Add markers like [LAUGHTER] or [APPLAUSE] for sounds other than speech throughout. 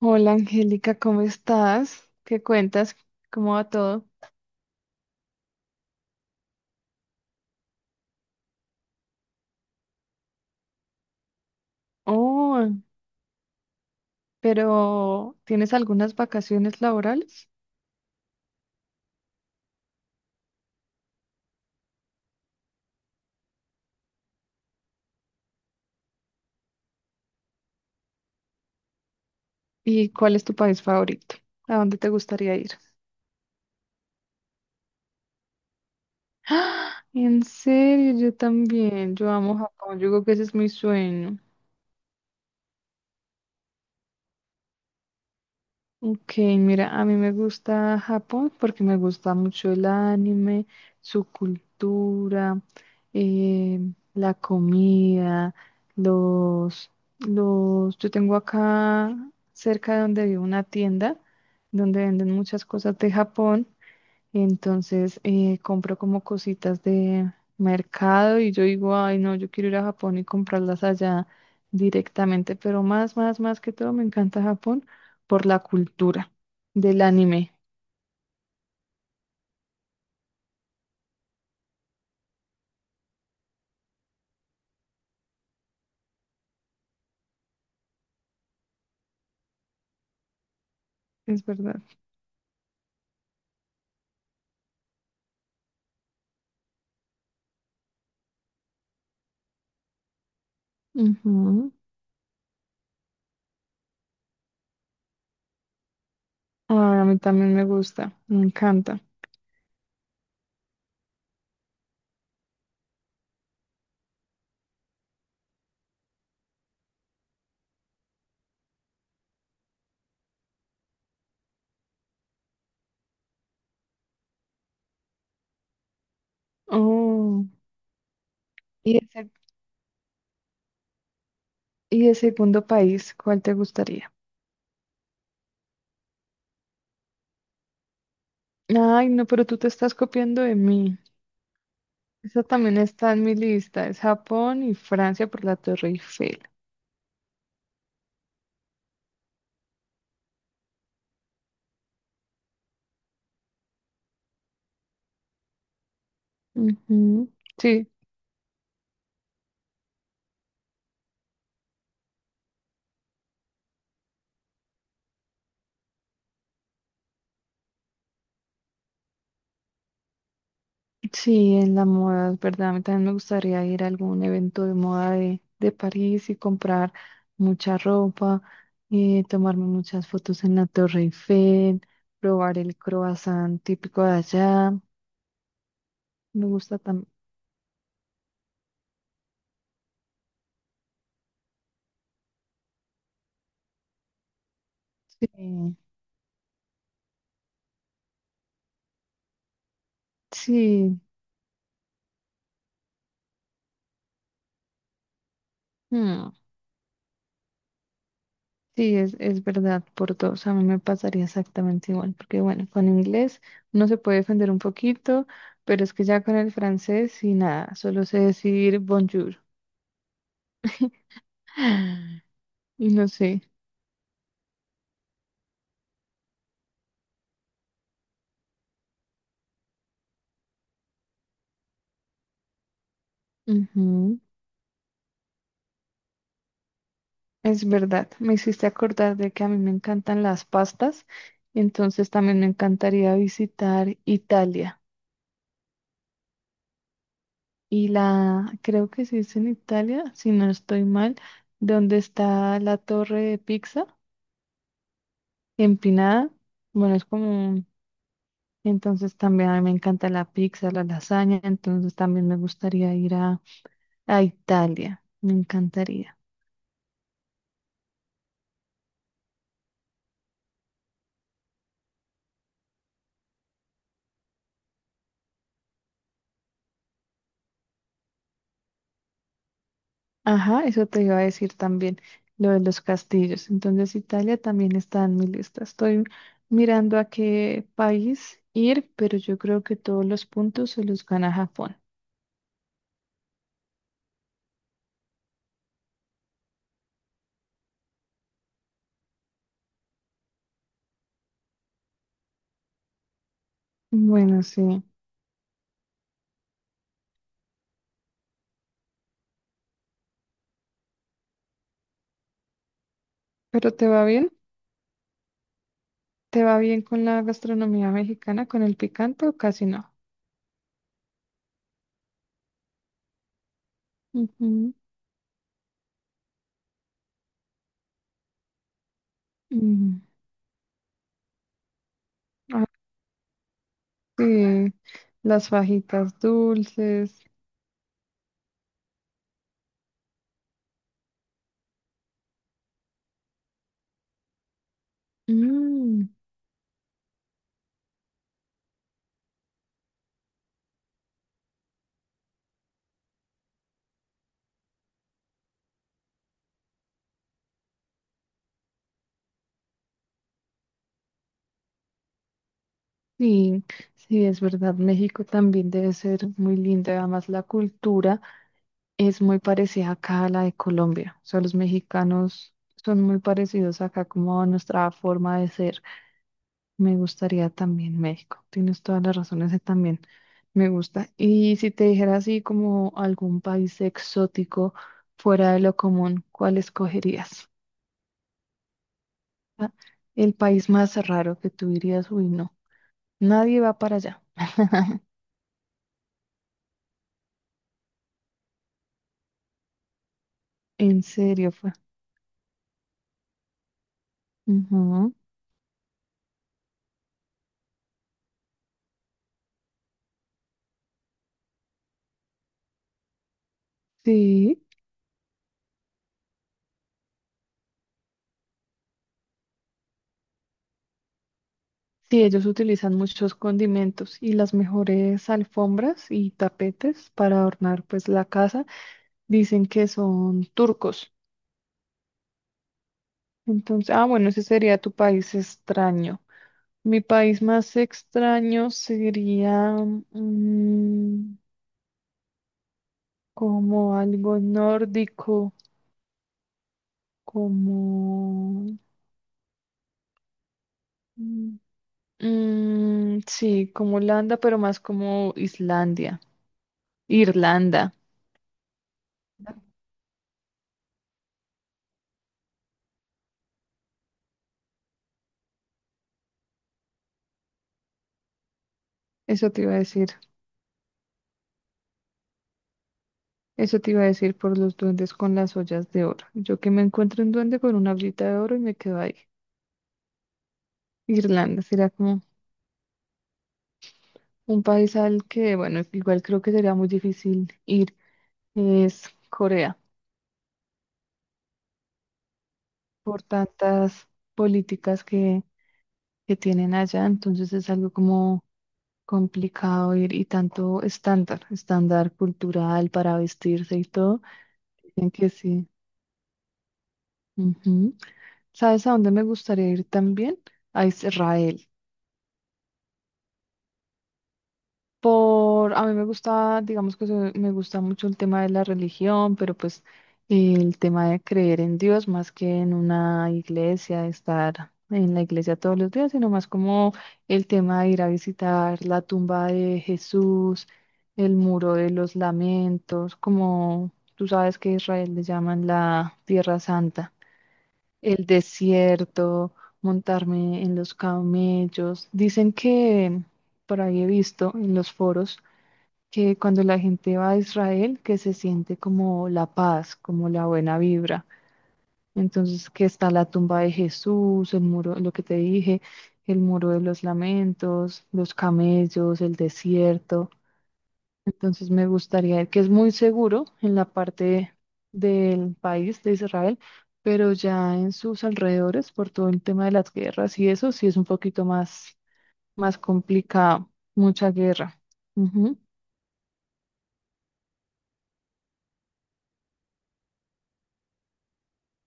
Hola Angélica, ¿cómo estás? ¿Qué cuentas? ¿Cómo va todo? Oh, pero ¿tienes algunas vacaciones laborales? ¿Y cuál es tu país favorito? ¿A dónde te gustaría ir? [GASPS] ¡Ah! En serio, yo también. Yo amo Japón. Yo creo que ese es mi sueño. Ok, mira, a mí me gusta Japón porque me gusta mucho el anime, su cultura, eh, la comida, los, los, yo tengo acá cerca de donde vivo una tienda donde venden muchas cosas de Japón. Entonces compro como cositas de mercado y yo digo, ay, no, yo quiero ir a Japón y comprarlas allá directamente, pero más que todo me encanta Japón por la cultura del anime, es verdad. Ujú. Ay, a mí también me gusta, me encanta. Oh, y ese, y el segundo país, ¿cuál te gustaría? Ay, no, pero tú te estás copiando de mí. Esa también está en mi lista, es Japón y Francia por la Torre Eiffel. Ujú. Sí, sí, en la moda, es verdad. A mí también me gustaría ir a algún evento de moda de París y comprar mucha ropa, tomarme muchas fotos en la Torre Eiffel, probar el croissant típico de allá. Me gusta también. Sí, sí, mm, sí, es verdad, por dos. A mí me pasaría exactamente igual, porque bueno, con inglés uno se puede defender un poquito, pero es que ya con el francés y nada, solo sé decir bonjour. Y no sé. Ujú. Es verdad. Me hiciste acordar de que a mí me encantan las pastas. Entonces también me encantaría visitar Italia. Y la, creo que se dice en Italia, si no estoy mal, donde está la torre de pizza empinada. Bueno, es como un- Entonces también a mí me encanta la pizza, la lasaña. Entonces también me gustaría ir a Italia. Me encantaría. Ajá, eso te iba a decir también, lo de los castillos. Entonces, Italia también está en mi lista. Estoy mirando a qué país ir, pero yo creo que todos los puntos se los gana Japón. Bueno, sí. ¿Pero te va bien? ¿Te va bien con la gastronomía mexicana, con el picante o casi no? Ujú, mm. Ah, sí, las fajitas dulces. Mm, sí, sí, es verdad. México también debe ser muy linda, además la cultura. Es muy parecida acá a la de Colombia. O sea, los mexicanos son muy parecidos acá como a nuestra forma de ser. Me gustaría también México. Tienes todas las razones, ese también me gusta. Y si te dijera así como algún país exótico fuera de lo común, ¿cuál escogerías? Ah, el país más raro que tú dirías, uy, no, nadie va para allá. En serio fue. Ujú. Sí. Sí, ellos utilizan muchos condimentos y las mejores alfombras y tapetes para adornar pues la casa. Dicen que son turcos. Entonces, ah, bueno, ese sería tu país extraño. Mi país más extraño sería mm, como algo nórdico, como mm, sí, como Holanda, pero más como Islandia, Irlanda. Eso te iba a decir. Eso te iba a decir, por los duendes con las ollas de oro. Yo que me encuentro un duende con una ollita de oro y me quedo ahí. Irlanda será como un país al que, bueno, igual creo que sería muy difícil ir. Es Corea, por tantas políticas que tienen allá. Entonces es algo como complicado ir y tanto estándar cultural para vestirse y todo. Dicen que sí. Ujú. ¿Sabes a dónde me gustaría ir también? A Israel. Por, a mí me gusta, digamos que se- me gusta mucho el tema de la religión, pero pues el tema de creer en Dios más que en una iglesia, de estar en la iglesia todos los días, sino más como el tema de ir a visitar la tumba de Jesús, el muro de los lamentos, como tú sabes que a Israel le llaman la Tierra Santa, el desierto, montarme en los camellos. Dicen que por ahí he visto en los foros que cuando la gente va a Israel, que se siente como la paz, como la buena vibra. Entonces, que está la tumba de Jesús, el muro, lo que te dije, el muro de los lamentos, los camellos, el desierto. Entonces, me gustaría ir, que es muy seguro en la parte del país de Israel, pero ya en sus alrededores, por todo el tema de las guerras y eso, sí es un poquito más, más complicado, mucha guerra. Ujú,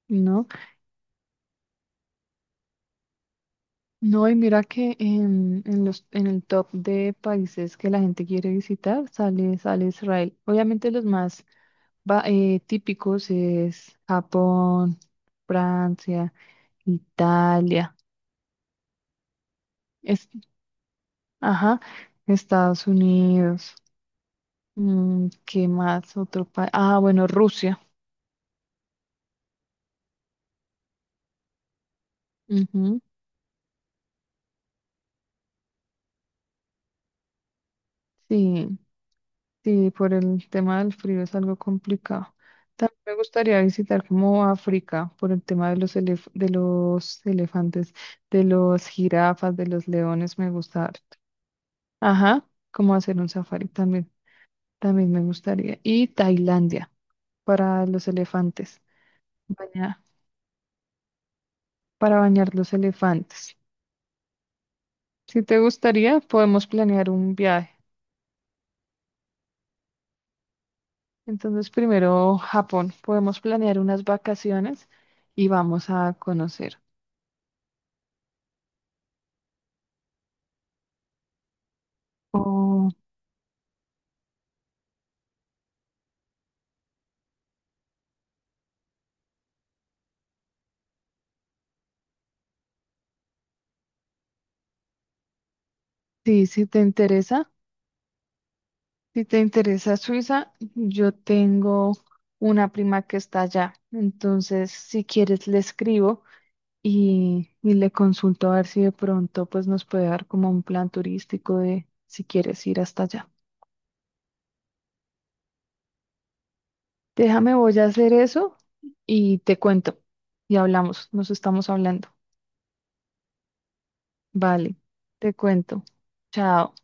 ¿no? No, y mira que en el top de países que la gente quiere visitar sale Israel. Obviamente los más típicos es Japón, Francia, Italia, es, ajá, Estados Unidos. Mm, ¿qué más? Otro país. Ah, bueno, Rusia. Ujú, sí. Sí, por el tema del frío es algo complicado. También me gustaría visitar como África por el tema de los elefantes, de los jirafas, de los leones, me gusta harto. Ajá, como hacer un safari también, también me gustaría. Y Tailandia para los elefantes, baña- para bañar los elefantes. Si te gustaría, podemos planear un viaje. Entonces, primero Japón, podemos planear unas vacaciones y vamos a conocer. Oh, sí, si te interesa, si te interesa Suiza, yo tengo una prima que está allá. Entonces, si quieres, le escribo y le consulto a ver si de pronto pues nos puede dar como un plan turístico de si quieres ir hasta allá. Déjame, voy a hacer eso y te cuento. Y hablamos, nos estamos hablando. Vale, te cuento. Chao.